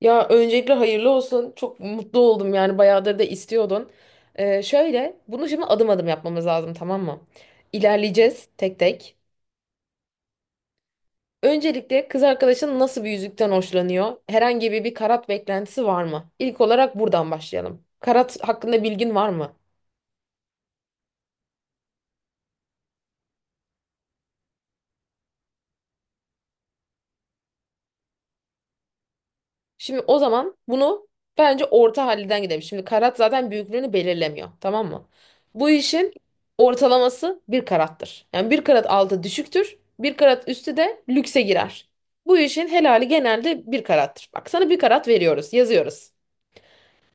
Ya öncelikle hayırlı olsun. Çok mutlu oldum yani bayağıdır da istiyordun. Şöyle bunu şimdi adım adım yapmamız lazım, tamam mı? İlerleyeceğiz tek tek. Öncelikle kız arkadaşın nasıl bir yüzükten hoşlanıyor? Herhangi bir karat beklentisi var mı? İlk olarak buradan başlayalım. Karat hakkında bilgin var mı? Şimdi o zaman bunu bence orta halinden gidelim. Şimdi karat zaten büyüklüğünü belirlemiyor, tamam mı? Bu işin ortalaması bir karattır. Yani bir karat altı düşüktür, bir karat üstü de lükse girer. Bu işin helali genelde bir karattır. Bak, sana bir karat veriyoruz, yazıyoruz.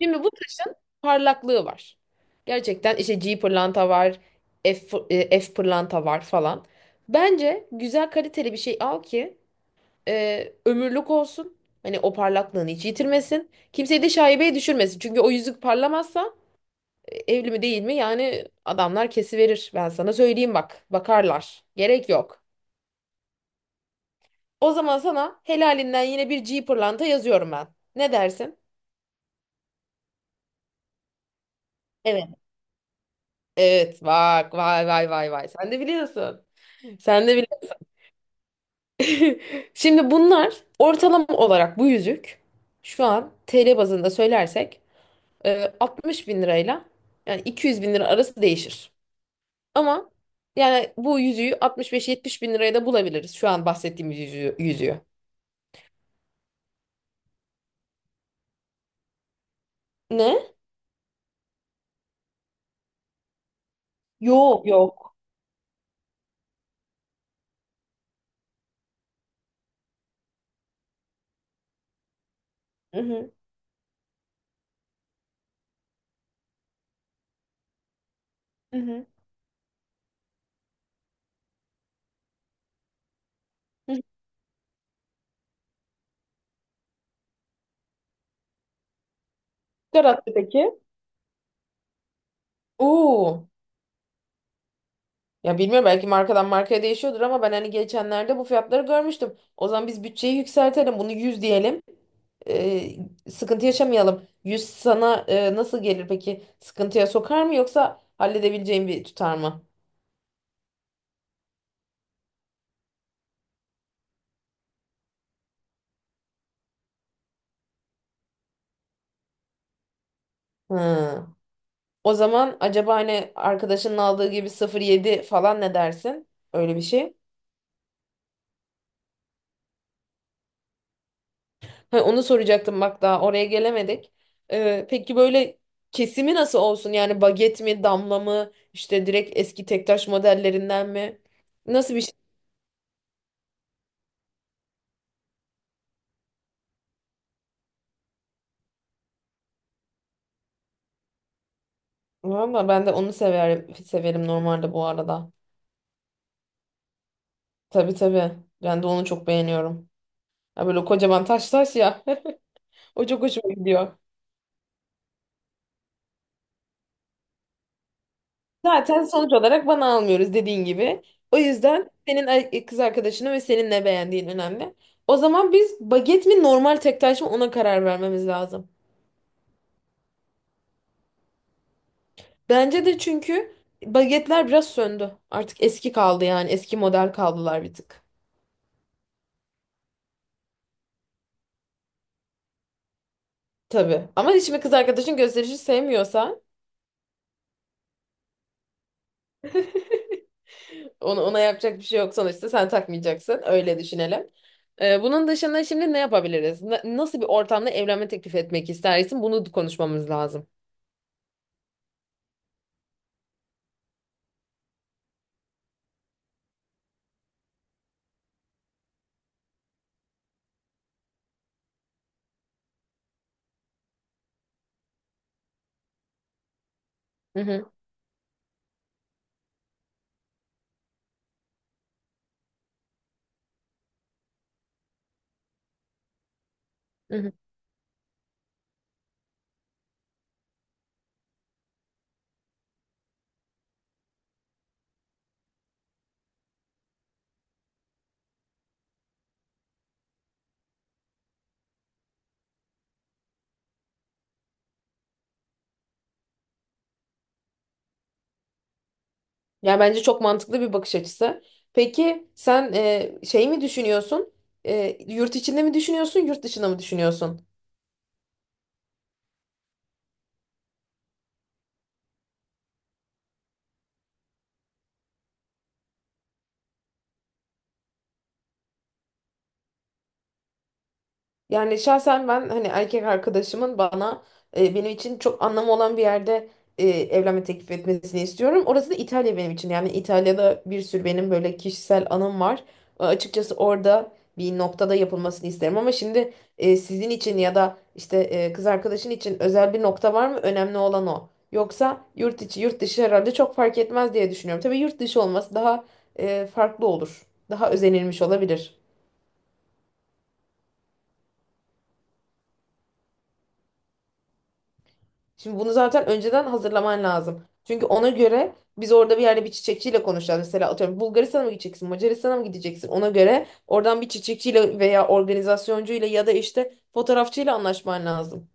Şimdi bu taşın parlaklığı var. Gerçekten işte G pırlanta var, F pırlanta var falan. Bence güzel kaliteli bir şey al ki ömürlük olsun. Hani o parlaklığını hiç yitirmesin. Kimseyi de şaibeye düşürmesin. Çünkü o yüzük parlamazsa evli mi değil mi yani adamlar kesiverir. Ben sana söyleyeyim bak. Bakarlar. Gerek yok. O zaman sana helalinden yine bir G pırlanta yazıyorum ben. Ne dersin? Evet. Evet, bak vay vay vay vay sen de biliyorsun. Sen de bili Şimdi bunlar ortalama olarak bu yüzük şu an TL bazında söylersek 60 bin lirayla yani 200 bin lira arası değişir. Ama yani bu yüzüğü 65-70 bin liraya da bulabiliriz. Şu an bahsettiğimiz yüzüğü. Ne? Yok, yok. Hı hı. Hı hı. Hı hı. Karattı peki. Oo. Ya bilmiyorum, belki markadan markaya değişiyordur ama ben hani geçenlerde bu fiyatları görmüştüm. O zaman biz bütçeyi yükseltelim. Bunu 100 diyelim. Ee, Sıkıntı yaşamayalım. 100 sana nasıl gelir peki? Sıkıntıya sokar mı, yoksa halledebileceğin bir tutar mı? Hı. O zaman acaba hani arkadaşının aldığı gibi 0,7 falan, ne dersin? Öyle bir şey. Ha, onu soracaktım, bak daha oraya gelemedik. Peki böyle kesimi nasıl olsun? Yani baget mi, damla mı, işte direkt eski tektaş modellerinden mi? Nasıl bir şey? Valla ben de onu severim, severim normalde bu arada. Tabii, tabii. Ben de onu çok beğeniyorum. Ya böyle kocaman taş taş ya. O çok hoşuma gidiyor. Zaten sonuç olarak bana almıyoruz dediğin gibi. O yüzden kız arkadaşını ve senin ne beğendiğin önemli. O zaman biz baget mi, normal tek taş mı, ona karar vermemiz lazım. Bence de, çünkü bagetler biraz söndü. Artık eski kaldı, yani eski model kaldılar bir tık. Tabii. Ama şimdi kız arkadaşın gösterişi sevmiyorsa ona yapacak bir şey yok, sonuçta sen takmayacaksın. Öyle düşünelim. Bunun dışında şimdi ne yapabiliriz? Nasıl bir ortamda evlenme teklif etmek istersin? Bunu konuşmamız lazım. Hı hı, hı hı. Yani bence çok mantıklı bir bakış açısı. Peki sen şey mi düşünüyorsun? Yurt içinde mi düşünüyorsun, yurt dışında mı düşünüyorsun? Yani şahsen ben hani erkek arkadaşımın bana benim için çok anlamı olan bir yerde evlenme teklif etmesini istiyorum. Orası da İtalya benim için. Yani İtalya'da bir sürü benim böyle kişisel anım var. Açıkçası orada bir noktada yapılmasını isterim ama şimdi sizin için ya da işte kız arkadaşın için özel bir nokta var mı? Önemli olan o. Yoksa yurt içi yurt dışı herhalde çok fark etmez diye düşünüyorum. Tabii yurt dışı olması daha farklı olur. Daha özenilmiş olabilir. Şimdi bunu zaten önceden hazırlaman lazım. Çünkü ona göre biz orada bir yerde bir çiçekçiyle konuşacağız. Mesela atıyorum, Bulgaristan'a mı gideceksin, Macaristan'a mı gideceksin? Ona göre oradan bir çiçekçiyle veya organizasyoncu ile ya da işte fotoğrafçıyla anlaşman lazım.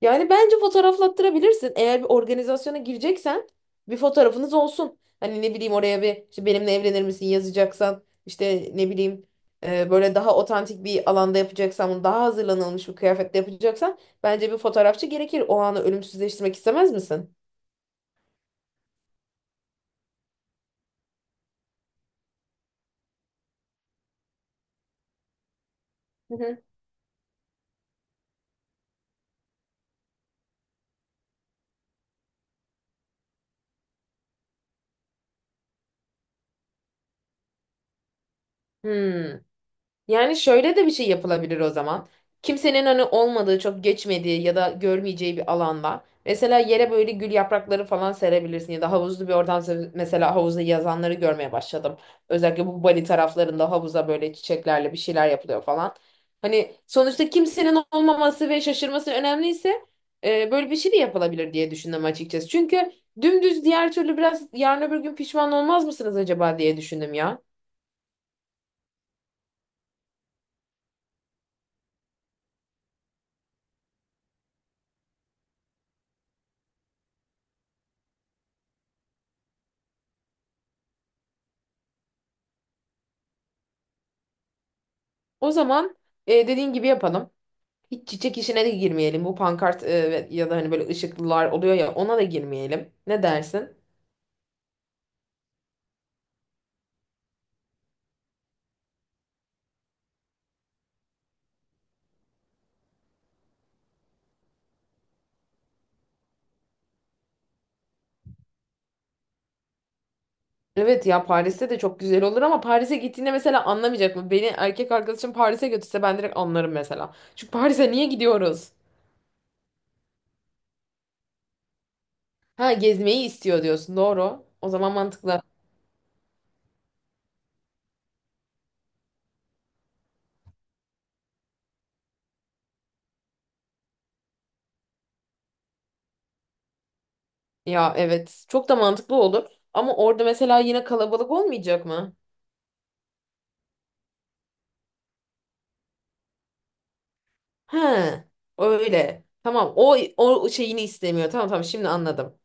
Yani bence fotoğraflattırabilirsin. Eğer bir organizasyona gireceksen bir fotoğrafınız olsun. Hani ne bileyim, oraya bir işte benimle evlenir misin yazacaksan, işte ne bileyim böyle daha otantik bir alanda yapacaksan, bunu daha hazırlanılmış bir kıyafetle yapacaksan bence bir fotoğrafçı gerekir. O anı ölümsüzleştirmek istemez misin? Hı hı. Hmm. Yani şöyle de bir şey yapılabilir o zaman. Kimsenin hani olmadığı, çok geçmediği ya da görmeyeceği bir alanda. Mesela yere böyle gül yaprakları falan serebilirsin ya da havuzlu bir mesela havuzda yazanları görmeye başladım. Özellikle bu Bali taraflarında havuza böyle çiçeklerle bir şeyler yapılıyor falan. Hani sonuçta kimsenin olmaması ve şaşırması önemliyse böyle bir şey de yapılabilir diye düşündüm açıkçası. Çünkü dümdüz diğer türlü biraz yarın öbür gün pişman olmaz mısınız acaba diye düşündüm ya. O zaman dediğin gibi yapalım. Hiç çiçek işine de girmeyelim. Bu pankart ya da hani böyle ışıklılar oluyor ya, ona da girmeyelim. Ne dersin? Evet, ya Paris'te de çok güzel olur ama Paris'e gittiğinde mesela anlamayacak mı? Beni erkek arkadaşım Paris'e götürse ben direkt anlarım mesela. Çünkü Paris'e niye gidiyoruz? Ha, gezmeyi istiyor diyorsun. Doğru. O zaman mantıklı. Ya evet, çok da mantıklı olur ama orada mesela yine kalabalık olmayacak mı? He, öyle tamam, o şeyini istemiyor, tamam tamam, şimdi anladım.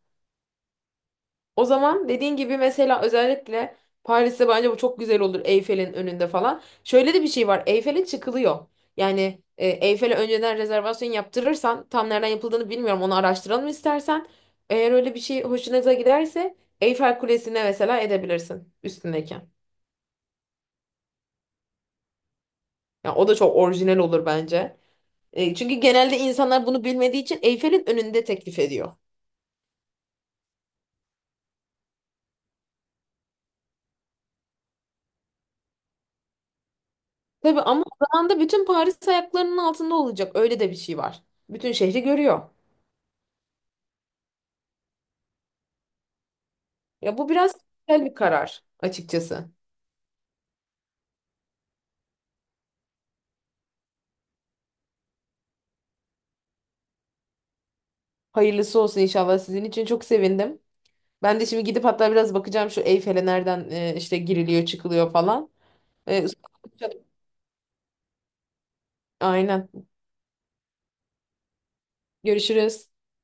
O zaman dediğin gibi mesela özellikle Paris'te bence bu çok güzel olur, Eyfel'in önünde falan. Şöyle de bir şey var, Eyfel'e çıkılıyor. Yani Eyfel'e önceden rezervasyon yaptırırsan, tam nereden yapıldığını bilmiyorum, onu araştıralım istersen. Eğer öyle bir şey hoşunuza giderse Eyfel Kulesi'ne mesela edebilirsin üstündeyken. Ya o da çok orijinal olur bence. Çünkü genelde insanlar bunu bilmediği için Eyfel'in önünde teklif ediyor. Tabii ama o zaman da bütün Paris ayaklarının altında olacak. Öyle de bir şey var. Bütün şehri görüyor. Ya bu biraz güzel bir karar açıkçası. Hayırlısı olsun, inşallah. Sizin için çok sevindim. Ben de şimdi gidip hatta biraz bakacağım şu Eyfel'e nereden işte giriliyor çıkılıyor falan. E, aynen. Görüşürüz.